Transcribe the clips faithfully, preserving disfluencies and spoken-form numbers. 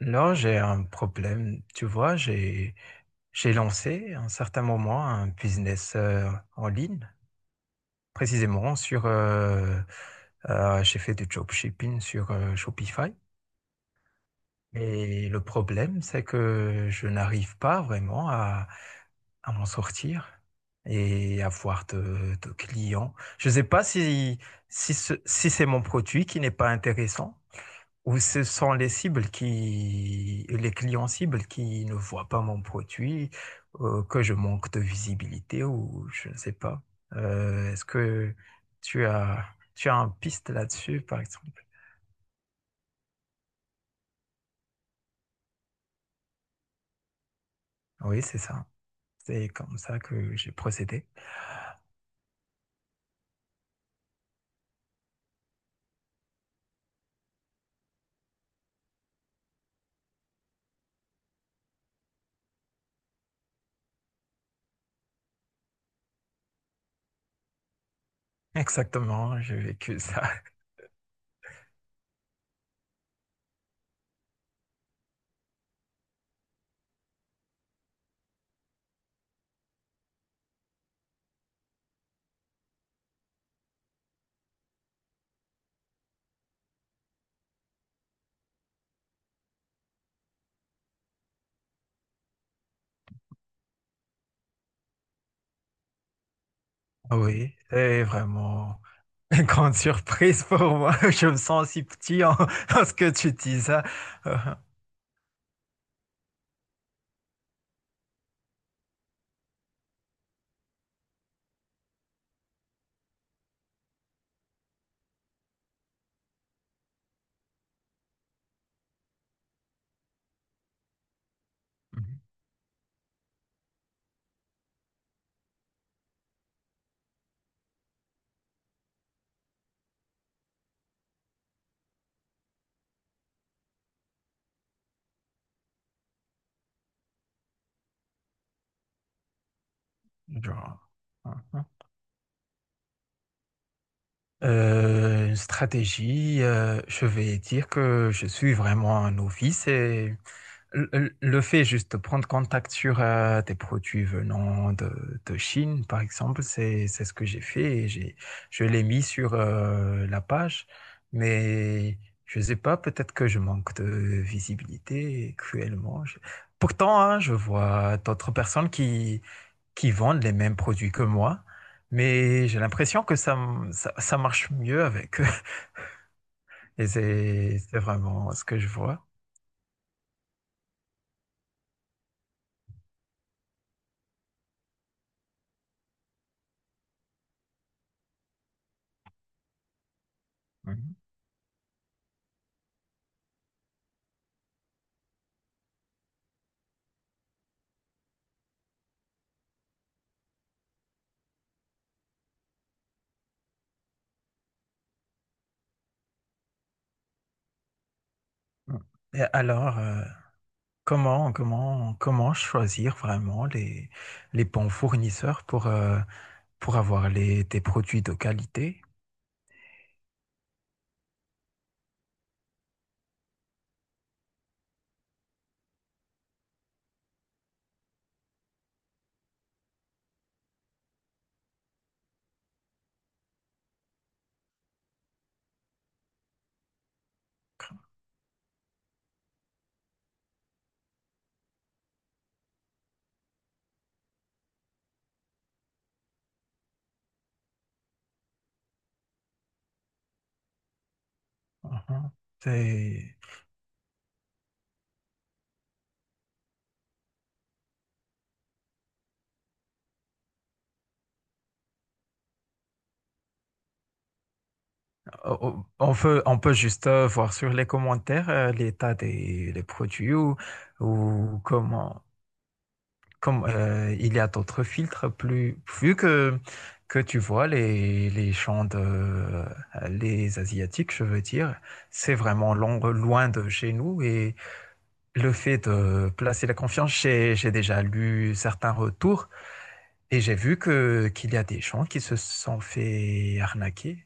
Là, j'ai un problème. Tu vois, j'ai j'ai lancé à un certain moment un business euh, en ligne, précisément sur. euh, euh, J'ai fait du dropshipping sur euh, Shopify. Et le problème, c'est que je n'arrive pas vraiment à, à m'en sortir et avoir de, de clients. Je ne sais pas si si ce- si c'est mon produit qui n'est pas intéressant, ou ce sont les cibles qui, les clients cibles qui ne voient pas mon produit, euh, que je manque de visibilité ou je ne sais pas. Euh, est-ce que tu as, tu as un piste là-dessus, par exemple? Oui, c'est ça. C'est comme ça que j'ai procédé. Exactement, j'ai vécu ça. Ah oui, c'est vraiment une grande surprise pour moi. Je me sens si petit en, en ce que tu dis ça. Euh, genre, euh, euh, une stratégie, euh, je vais dire que je suis vraiment un novice. Et Le le fait juste de prendre contact sur euh, des produits venant de, de Chine, par exemple, c'est c'est ce que j'ai fait, et j'ai je l'ai mis sur euh, la page, mais je sais pas, peut-être que je manque de visibilité cruellement. Je... Pourtant, hein, je vois d'autres personnes qui qui vendent les mêmes produits que moi, mais j'ai l'impression que ça m- ça, ça marche mieux avec eux. Et c'est c'est vraiment ce que je vois. Mhm. Et alors. euh, comment, comment, comment choisir vraiment les, les bons fournisseurs pour, euh, pour avoir les, des produits de qualité? Mhm. C'est... Euh, oh, on peut, on peut juste euh, voir sur les commentaires euh, l'état des les produits, ou, ou comment, comme, euh, il y a d'autres filtres plus, vu que, que tu vois les, les champs de, euh, les Asiatiques, je veux dire, c'est vraiment long- loin de chez nous, et le fait de placer la confiance, j'ai, j'ai déjà lu certains retours et j'ai vu que, qu'il y a des gens qui se sont fait arnaquer.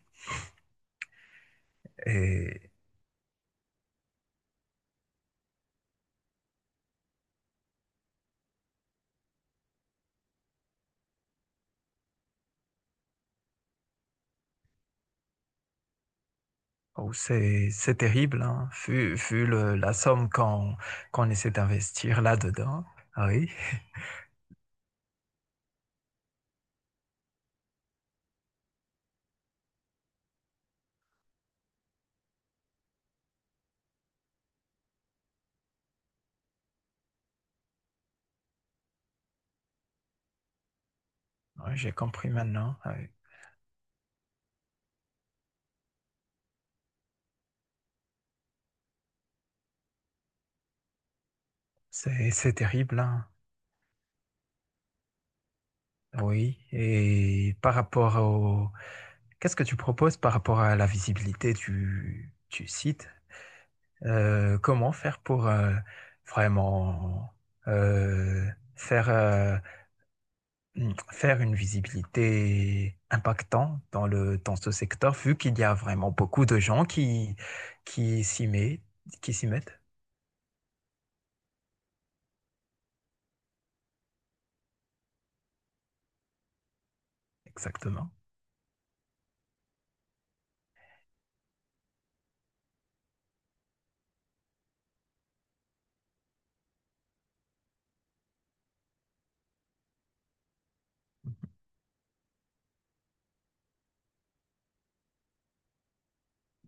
Oh, c'est, c'est terrible, hein, vu, vu le- la somme qu'on qu'on essaie d'investir là-dedans. Ah oui. Ouais, j'ai compris maintenant. Ah oui. C'est, c'est terrible, hein. Ah oui, et par rapport au... Qu'est-ce que tu proposes par rapport à la visibilité du, du site? Euh, comment faire pour euh, vraiment euh, faire... euh, mm, faire une visibilité impactante dans le, dans ce secteur, vu qu'il y a vraiment beaucoup de gens qui, qui s'y mettent, qui s'y mettent. Exactement.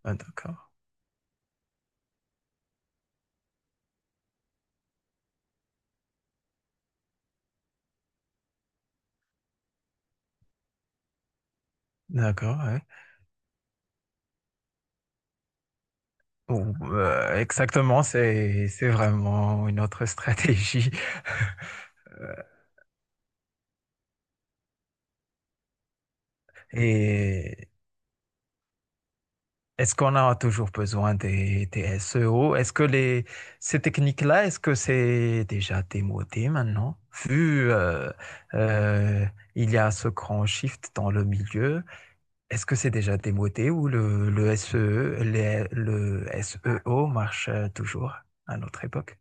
Ah, d'accord. D'accord, ouais. Ou, euh, exactement, c'est, c'est vraiment une autre stratégie. Et est-ce qu'on a toujours besoin des, des S E O? Est-ce que les, ces techniques-là, est-ce que c'est déjà démodé maintenant? Vu euh, euh, il y a ce grand shift dans le milieu, est-ce que c'est déjà démodé, ou le, le S E O, les- le S E O marche euh, toujours à notre époque?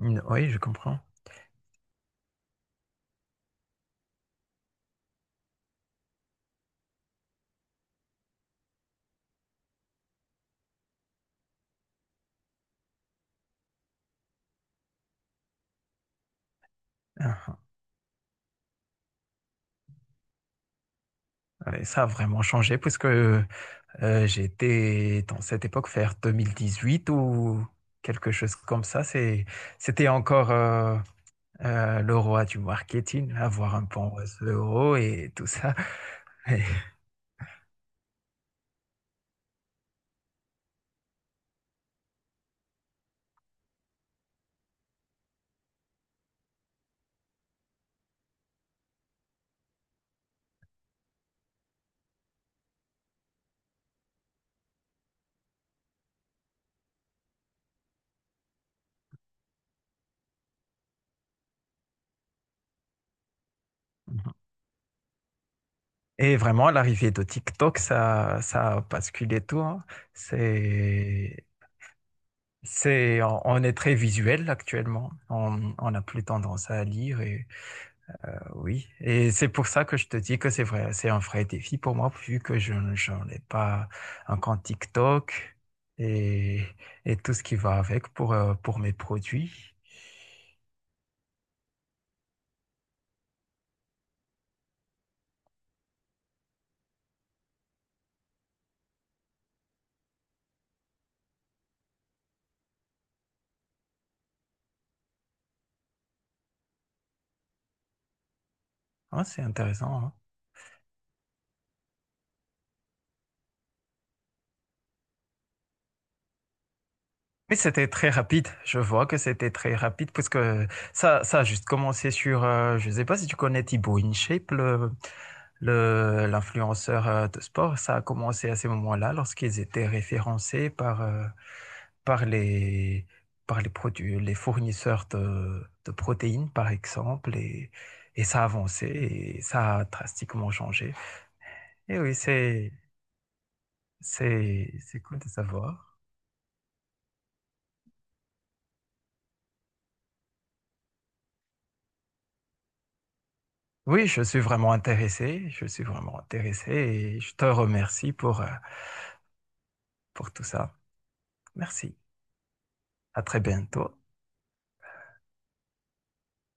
Mm, oui, je comprends. Ah, ah. Et ça a vraiment changé, puisque euh, Euh, j'étais dans cette époque vers deux mille dix-huit ou quelque chose comme ça. C'est, c'était encore euh, euh, le roi du marketing, avoir un bon réseau et tout ça. Et... et vraiment, l'arrivée de TikTok, ça, ça a basculé tout, hein. C'est, c'est, on on est très visuel actuellement. On, on n'a plus tendance à lire et, oui, et c'est pour ça que je te dis que c'est vrai, c'est un vrai défi pour moi, vu que je n'en ai pas un compte TikTok et, et tout ce qui va avec pour, euh, pour mes produits. Ah, c'est intéressant, hein. Oui, c'était très rapide. Je vois que c'était très rapide parce que ça, ça a juste commencé sur, euh, je ne sais pas si tu connais Thibaut InShape, le, le- l'influenceur euh, de sport. Ça a commencé à ces moments-là lorsqu'ils étaient référencés par, euh, par les, par les produits, les fournisseurs de, de protéines, par exemple. Et, et ça a avancé et ça a drastiquement changé. Et oui, c'est, c'est, c'est cool de savoir. Oui, je suis vraiment intéressé, je suis vraiment intéressé, et je te remercie pour, euh, pour tout ça. Merci. À très bientôt.